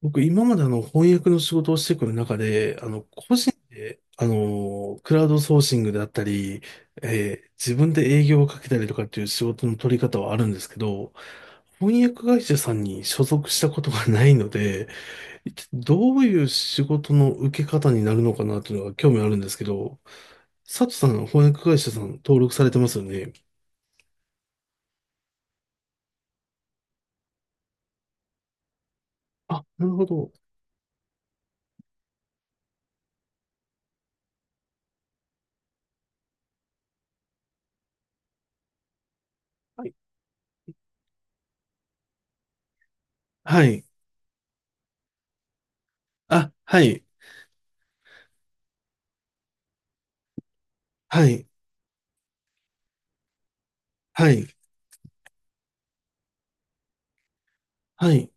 僕、今まで翻訳の仕事をしてくる中で、個人で、クラウドソーシングだったり、自分で営業をかけたりとかっていう仕事の取り方はあるんですけど、翻訳会社さんに所属したことがないので、一体どういう仕事の受け方になるのかなというのが興味あるんですけど、佐藤さん、翻訳会社さん登録されてますよね。あ、なるほど。はい。はい。あ、はい。はい。はい。はい。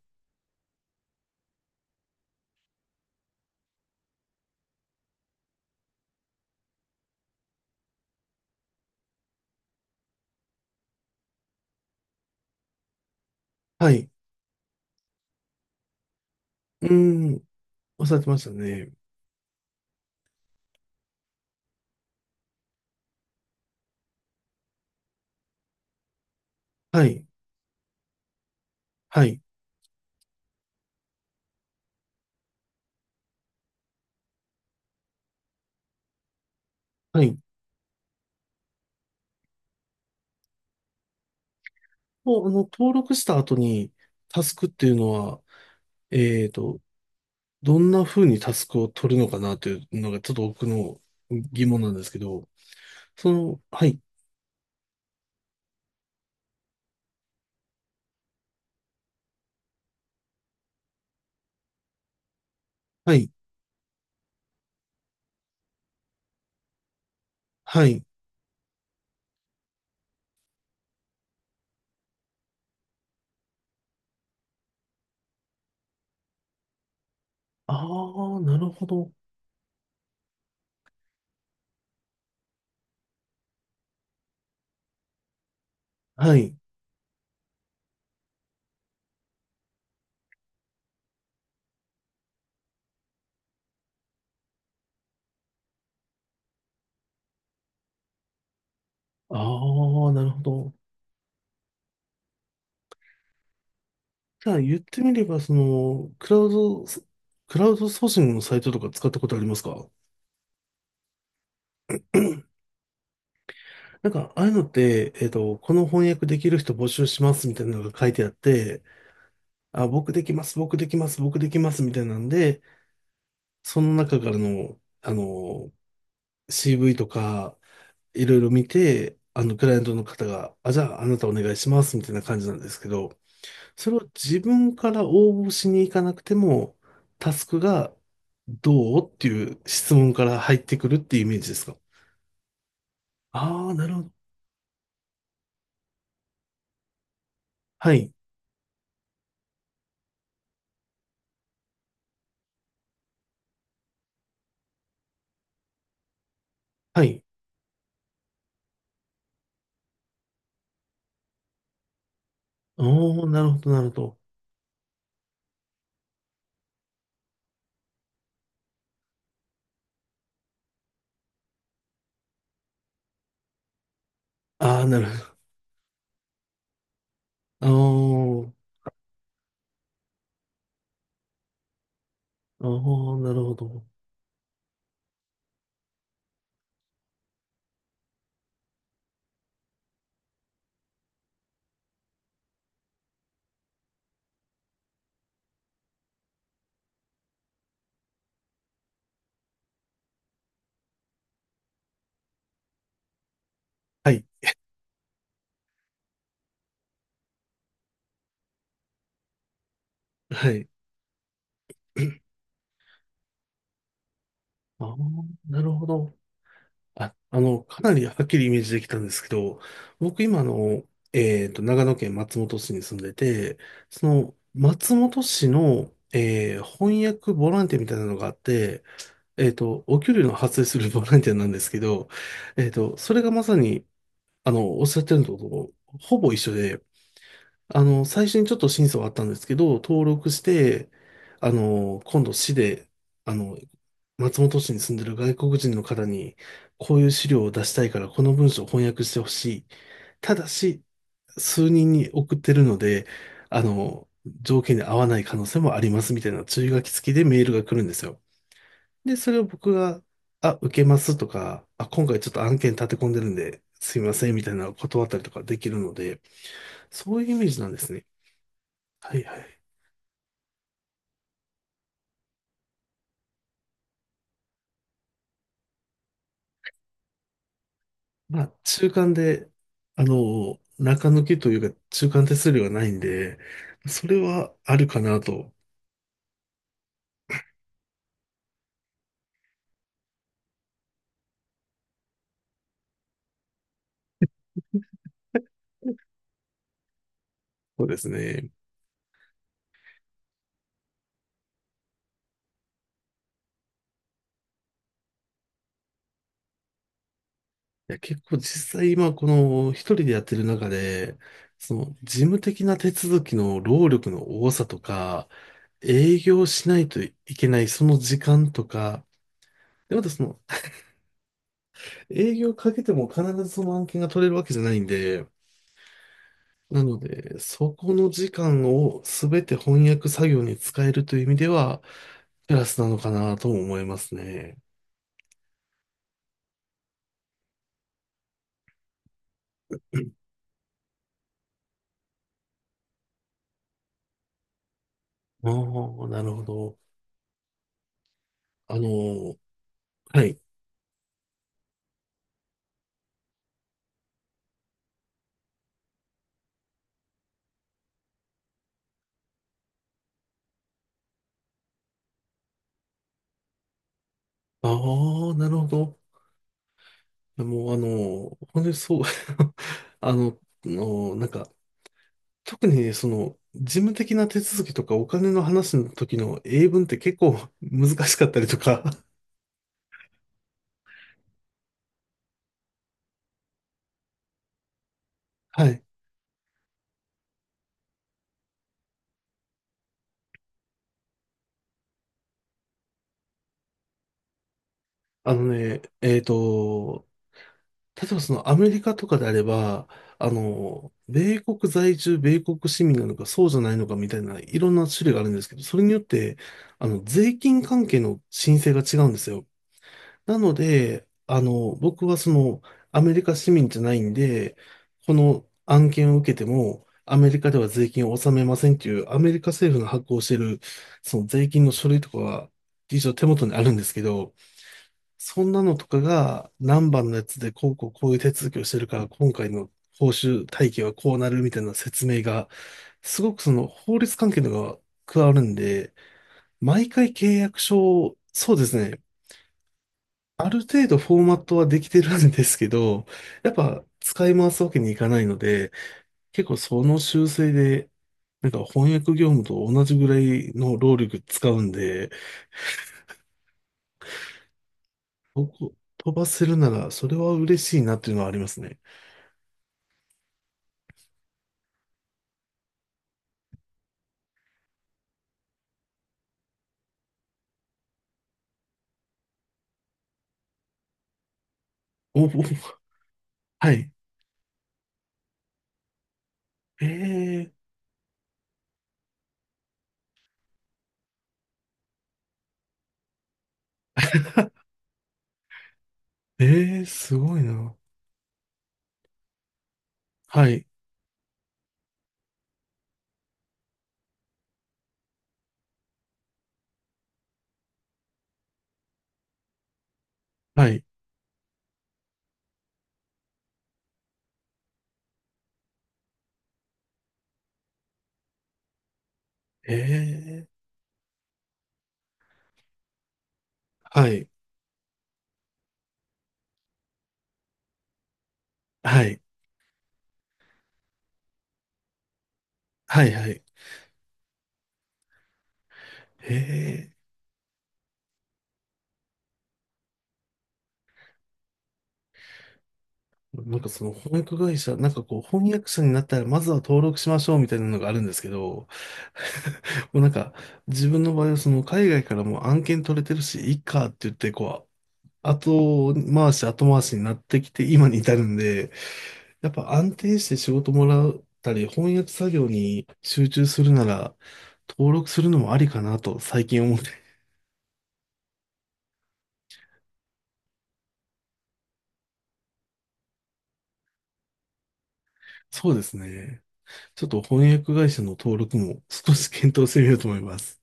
はい。うーん。おっしゃってましたね。はい。はい。はい。もう、登録した後に、タスクっていうのは、えーと、どんな風にタスクを取るのかなというのが、ちょっと僕の疑問なんですけど、その、はい。はい。はい。ああ、なるほど。はい。ああ、なるほど。じゃあ、言ってみれば、その、クラウドソーシングのサイトとか使ったことありますか？なんか、ああいうのって、この翻訳できる人募集しますみたいなのが書いてあって、あ、僕できます、僕できます、僕できます、みたいなんで、その中からの、CV とか、いろいろ見て、クライアントの方が、あ、じゃあ、あなたお願いします、みたいな感じなんですけど、それを自分から応募しに行かなくても、タスクが、どうっていう質問から入ってくるっていうイメージですか？ああー、なるほど。はい、はい。おー、なるほど、なるほど。ああ、なるほど。あーあー、なるほど。はい、はい。ああ、なるほど。あ、かなりはっきりイメージできたんですけど、僕今長野県松本市に住んでて、その、松本市の、翻訳ボランティアみたいなのがあって、お給料の発生する ボランティアなんですけど、それがまさに、おっしゃってるのとほぼ一緒で、最初にちょっと審査はあったんですけど、登録して、今度市で、あの、松本市に住んでる外国人の方に、こういう資料を出したいから、この文章を翻訳してほしい。ただし、数人に送ってるので、あの、条件に合わない可能性もありますみたいな注意書き付きでメールが来るんですよ。で、それを僕が、あ、受けますとか、あ、今回ちょっと案件立て込んでるんで、すいませんみたいなのを断ったりとかできるので、そういうイメージなんですね。はいはい。まあ、中間で、中抜きというか、中間手数料がないんで、それはあるかなと。そうですね。いや、結構実際今、この、一人でやってる中で、その、事務的な手続きの労力の多さとか、営業しないといけないその時間とか、で、またその、営業かけても必ずその案件が取れるわけじゃないんで、なので、そこの時間を全て翻訳作業に使えるという意味では、クラスなのかなとも思いますね。ああ、なるほど。あの、はい。ああ、なるほど。もう、本当にそう、あの、なんか、特にその、事務的な手続きとかお金の話の時の英文って結構 難しかったりとか、はい。あのね、例えばそのアメリカとかであれば、米国在住、米国市民なのか、そうじゃないのかみたいな、いろんな種類があるんですけど、それによって、税金関係の申請が違うんですよ。なので、僕はその、アメリカ市民じゃないんで、この案件を受けても、アメリカでは税金を納めませんっていう、アメリカ政府の発行している、その税金の書類とかは、一応手元にあるんですけど、そんなのとかが何番のやつでこうこうこういう手続きをしてるから今回の報酬体系はこうなるみたいな説明が、すごくその法律関係のが加わるんで、毎回契約書を、そうですね、ある程度フォーマットはできてるんですけど、やっぱ使い回すわけにいかないので、結構その修正でなんか翻訳業務と同じぐらいの労力使うんで、僕飛ばせるならそれは嬉しいなっていうのはありますね。おお、はい。ええええ、すごいな。はい。はい。ええ、はい。はい。はい。はい。ええ、なんかその翻訳会社、なんかこう翻訳者になったらまずは登録しましょうみたいなのがあるんですけど、もうなんか自分の場合はその海外からも案件取れてるし、いいかって言ってこう、後回し後回しになってきて今に至るんで、やっぱ安定して仕事もらったり翻訳作業に集中するなら、登録するのもありかなと最近思って。そうですね。ちょっと翻訳会社の登録も少し検討してみようと思います。